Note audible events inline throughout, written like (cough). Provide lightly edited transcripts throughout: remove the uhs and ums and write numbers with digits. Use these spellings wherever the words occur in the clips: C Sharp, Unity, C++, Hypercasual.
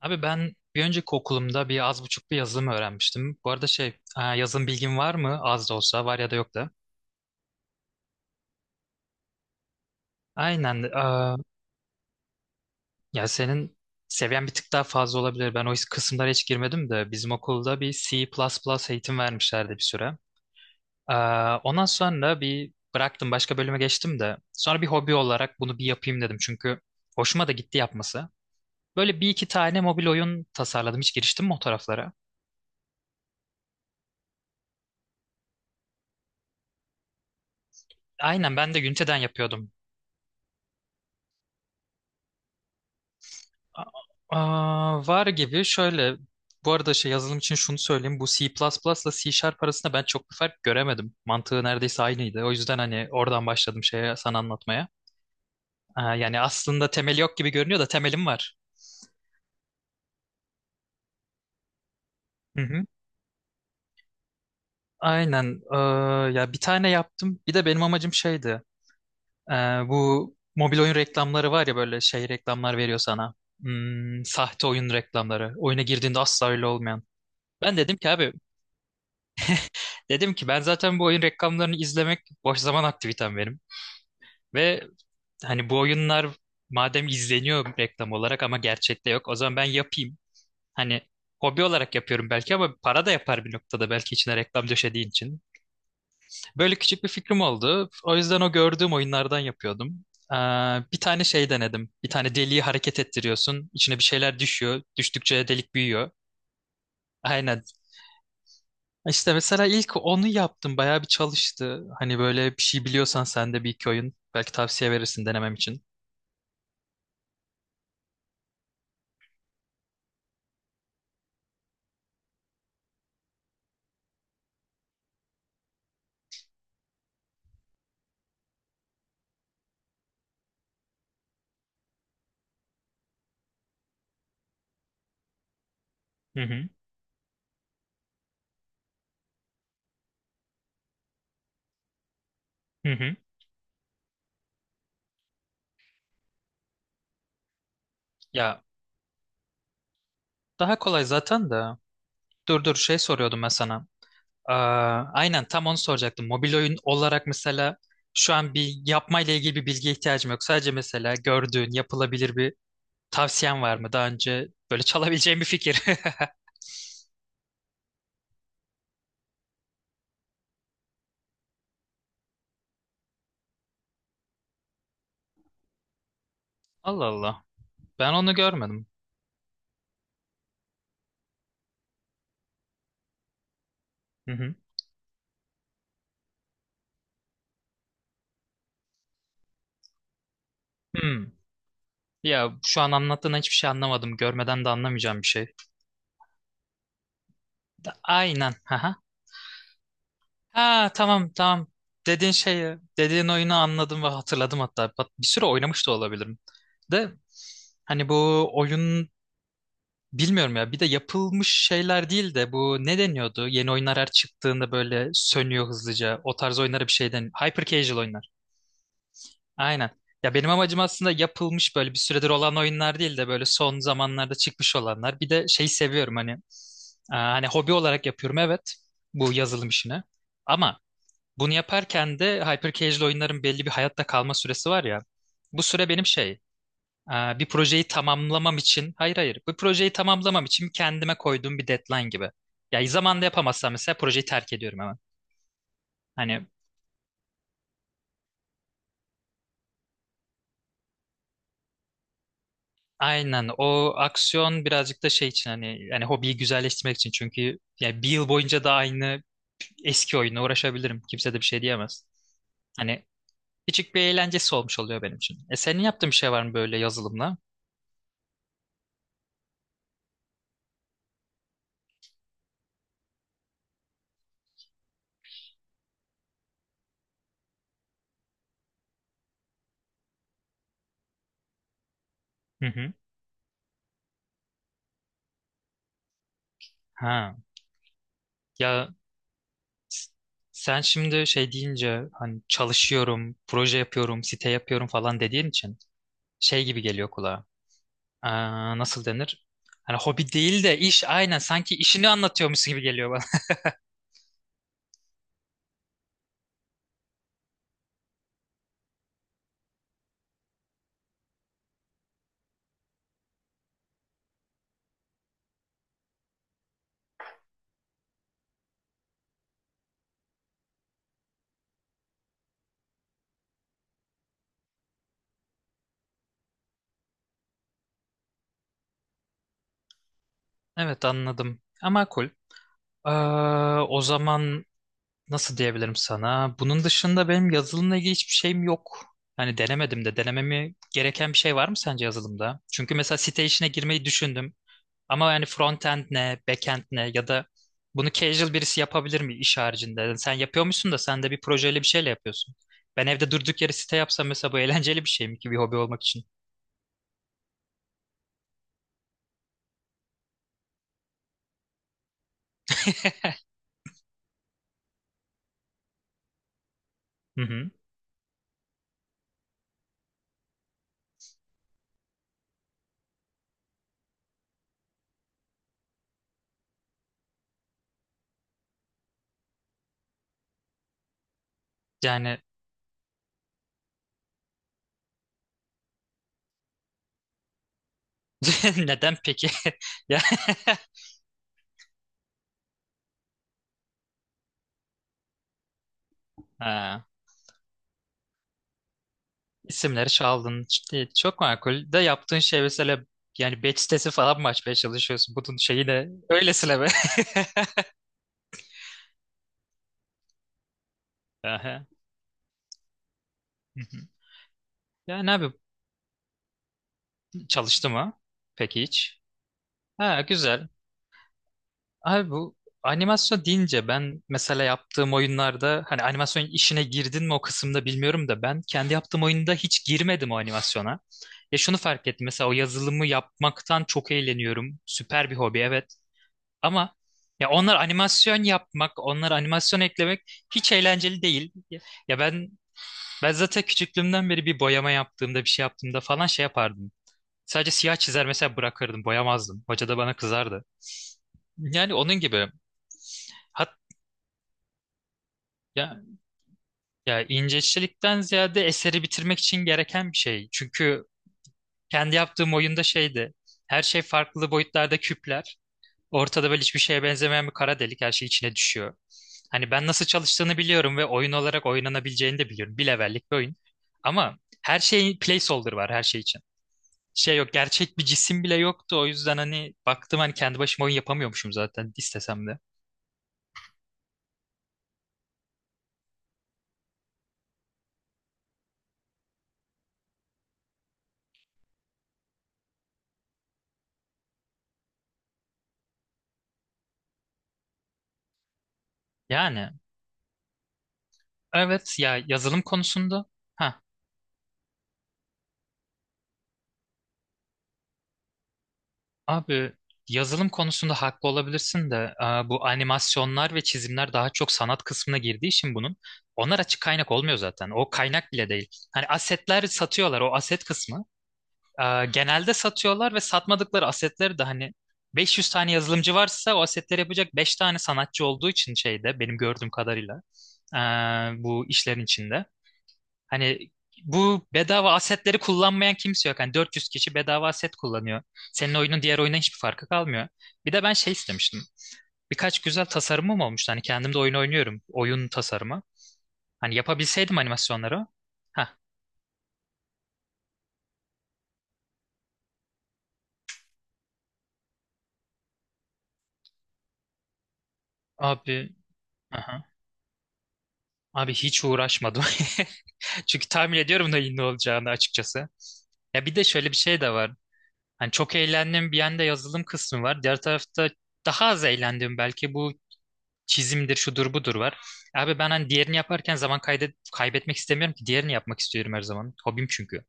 Abi ben bir önceki okulumda bir az buçuk bir yazılım öğrenmiştim. Bu arada şey yazılım bilgin var mı? Az da olsa var ya da yok da. Aynen. Ya senin seviyen bir tık daha fazla olabilir. Ben o kısımlara hiç girmedim de bizim okulda bir C++ eğitim vermişlerdi bir süre. E, Ondan sonra bir bıraktım başka bölüme geçtim de. Sonra bir hobi olarak bunu bir yapayım dedim. Çünkü hoşuma da gitti yapması. Böyle bir iki tane mobil oyun tasarladım. Hiç giriştim mi o taraflara? Aynen ben de Unity'den yapıyordum. A- Aa, var gibi şöyle bu arada şey yazılım için şunu söyleyeyim, bu C++ ile C Sharp arasında ben çok bir fark göremedim, mantığı neredeyse aynıydı, o yüzden hani oradan başladım şeye sana anlatmaya. Aa, yani aslında temeli yok gibi görünüyor da temelim var. Hı hı. Aynen. Ya bir tane yaptım, bir de benim amacım şeydi. Ee, Bu mobil oyun reklamları var ya, böyle şey reklamlar veriyor sana. Hmm, sahte oyun reklamları, oyuna girdiğinde asla öyle olmayan. Ben dedim ki abi. Dedim ki ben zaten bu oyun reklamlarını izlemek boş zaman aktivitem benim. Ve hani bu oyunlar madem izleniyor reklam olarak ama gerçekte yok, o zaman ben yapayım. Hani hobi olarak yapıyorum belki ama para da yapar bir noktada, belki içine reklam döşediği için. Böyle küçük bir fikrim oldu. O yüzden o gördüğüm oyunlardan yapıyordum. Ee, Bir tane şey denedim. Bir tane deliği hareket ettiriyorsun. İçine bir şeyler düşüyor. Düştükçe delik büyüyor. Aynen. İşte mesela ilk onu yaptım. Bayağı bir çalıştı. Hani böyle bir şey biliyorsan sen de bir iki oyun, belki tavsiye verirsin denemem için. Hı hı. Hı hı. Ya daha kolay zaten de. Dur dur, şey soruyordum ben sana. Aa, aynen tam onu soracaktım. Mobil oyun olarak mesela şu an bir yapmayla ilgili bir bilgiye ihtiyacım yok. Sadece mesela gördüğün yapılabilir bir tavsiyen var mı? Daha önce böyle (laughs) çalabileceğim bir fikir. (laughs) Allah Allah. Ben onu görmedim. Hı hı. Hmm. Ya şu an anlattığından hiçbir şey anlamadım. Görmeden de anlamayacağım bir şey. Aynen. Aha. Ha, tamam tamam. Dediğin şeyi, dediğin oyunu anladım ve hatırladım hatta. Bak, bir süre oynamış da olabilirim. De hani bu oyun, bilmiyorum ya. Bir de yapılmış şeyler değil de bu ne deniyordu? Yeni oyunlar her çıktığında böyle sönüyor hızlıca. O tarz oyunlara bir şey deniyor. Hyper casual oyunlar. Aynen. Ya benim amacım aslında yapılmış, böyle bir süredir olan oyunlar değil de böyle son zamanlarda çıkmış olanlar. Bir de şeyi seviyorum hani. Aa, hani hobi olarak yapıyorum, evet. Bu yazılım işini. Ama bunu yaparken de Hypercasual oyunların belli bir hayatta kalma süresi var ya. Bu süre benim şey, bir projeyi tamamlamam için, hayır hayır, bu projeyi tamamlamam için kendime koyduğum bir deadline gibi. Ya zamanda yapamazsam mesela projeyi terk ediyorum hemen. Hani aynen, o aksiyon birazcık da şey için hani, yani hobiyi güzelleştirmek için, çünkü yani bir yıl boyunca da aynı eski oyunla uğraşabilirim. Kimse de bir şey diyemez. Hani küçük bir eğlencesi olmuş oluyor benim için. E senin yaptığın bir şey var mı böyle yazılımla? Hı hı. Ha. Ya S- sen şimdi şey deyince, hani çalışıyorum, proje yapıyorum, site yapıyorum falan dediğin için, şey gibi geliyor kulağa. Aa, nasıl denir? Hani hobi değil de iş, aynen sanki işini anlatıyormuş gibi geliyor bana. (laughs) Evet, anladım. Ama cool. Aa, o zaman nasıl diyebilirim sana? Bunun dışında benim yazılımla ilgili hiçbir şeyim yok. Hani denemedim de, denememi gereken bir şey var mı sence yazılımda? Çünkü mesela site işine girmeyi düşündüm. Ama yani frontend ne, backend ne, ya da bunu casual birisi yapabilir mi iş haricinde? Yani sen yapıyormuşsun da, sen de bir projeyle bir şeyle yapıyorsun. Ben evde durduk yere site yapsam mesela, bu eğlenceli bir şey mi ki bir hobi olmak için? (laughs) Hı hı. Yani (laughs) neden peki? (laughs) Ya (laughs) ha, isimleri çaldın. İşte çok makul. De yaptığın şey mesela, yani batch sitesi falan mı açmaya çalışıyorsun? Bunun şeyi de öylesine be. (laughs) Aha. Hı hı. Yani abi çalıştı mı? Peki hiç. Ha, güzel. Abi bu animasyon deyince, ben mesela yaptığım oyunlarda, hani animasyon işine girdin mi o kısımda bilmiyorum da, ben kendi yaptığım oyunda hiç girmedim o animasyona. Ya şunu fark ettim mesela, o yazılımı yapmaktan çok eğleniyorum. Süper bir hobi, evet, ama ya onlar animasyon yapmak, onlar animasyon eklemek hiç eğlenceli değil. Ya ben zaten küçüklüğümden beri bir boyama yaptığımda, bir şey yaptığımda falan şey yapardım. Sadece siyah çizer mesela, bırakırdım, boyamazdım. Hoca da bana kızardı. Yani onun gibi. Hat ya Ya inceçlikten ziyade eseri bitirmek için gereken bir şey. Çünkü kendi yaptığım oyunda şeydi. Her şey farklı boyutlarda küpler. Ortada böyle hiçbir şeye benzemeyen bir kara delik, her şey içine düşüyor. Hani ben nasıl çalıştığını biliyorum ve oyun olarak oynanabileceğini de biliyorum. Bir levellik bir oyun. Ama her şeyin placeholder var, her şey için. Şey yok, gerçek bir cisim bile yoktu. O yüzden hani baktım, hani kendi başıma oyun yapamıyormuşum zaten istesem de. Yani evet ya, yazılım konusunda. Abi yazılım konusunda haklı olabilirsin de, bu animasyonlar ve çizimler daha çok sanat kısmına girdiği için, bunun, onlar açık kaynak olmuyor zaten. O kaynak bile değil. Hani asetler satıyorlar, o aset kısmı. Genelde satıyorlar ve satmadıkları asetleri de hani, 500 tane yazılımcı varsa o asetleri yapacak 5 tane sanatçı olduğu için, şeyde benim gördüğüm kadarıyla, e, bu işlerin içinde. Hani bu bedava asetleri kullanmayan kimse yok. Hani 400 kişi bedava aset kullanıyor. Senin oyunun diğer oyuna hiçbir farkı kalmıyor. Bir de ben şey istemiştim. Birkaç güzel tasarımım olmuştu. Hani kendim de oyun oynuyorum. Oyun tasarımı. Hani yapabilseydim animasyonları. Ha abi. Aha. Abi hiç uğraşmadım. (laughs) Çünkü tahmin ediyorum da iyi ne olacağını açıkçası. Ya bir de şöyle bir şey de var. Hani çok eğlendim bir yanda, yazılım kısmı var. Diğer tarafta daha az eğlendim belki, bu çizimdir, şudur budur var. Abi ben hani diğerini yaparken zaman kaydet kaybetmek istemiyorum ki, diğerini yapmak istiyorum her zaman. Hobim çünkü.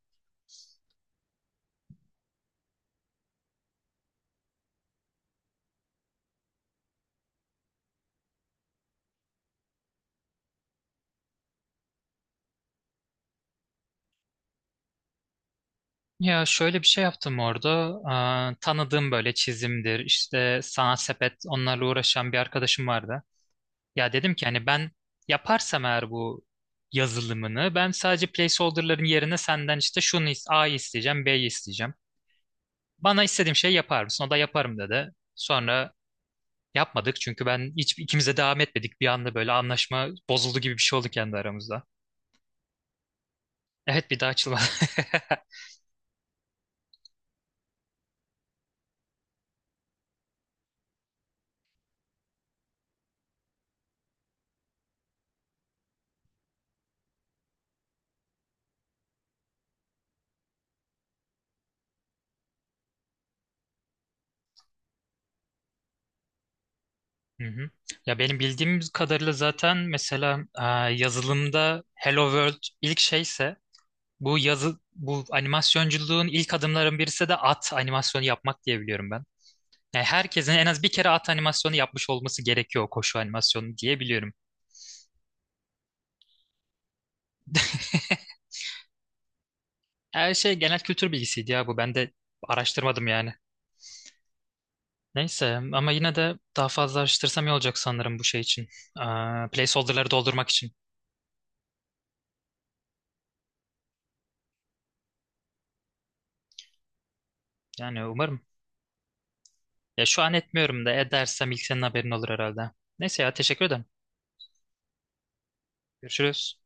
Ya şöyle bir şey yaptım orada. Aa, tanıdığım böyle çizimdir, işte sanat sepet, onlarla uğraşan bir arkadaşım vardı. Ya dedim ki hani, ben yaparsam eğer bu yazılımını, ben sadece placeholder'ların yerine senden işte A'yı isteyeceğim, B'yi isteyeceğim. Bana istediğim şeyi yapar mısın? O da yaparım dedi. Sonra yapmadık, çünkü ben hiç, ikimiz de devam etmedik. Bir anda böyle anlaşma bozuldu gibi bir şey oldu kendi aramızda. Evet, bir daha açılmadı. (laughs) Hı hı. Ya benim bildiğim kadarıyla zaten, mesela yazılımda Hello World ilk şeyse, bu yazı, bu animasyonculuğun ilk adımların birisi de at animasyonu yapmak diye biliyorum ben. Yani herkesin en az bir kere at animasyonu yapmış olması gerekiyor, koşu animasyonu diye biliyorum. Her şey genel kültür bilgisiydi ya bu, ben de araştırmadım yani. Neyse, ama yine de daha fazla araştırsam iyi olacak sanırım bu şey için. Placeholder'ları doldurmak için. Yani umarım. Ya şu an etmiyorum da, edersem ilk senin haberin olur herhalde. Neyse ya, teşekkür ederim. Görüşürüz.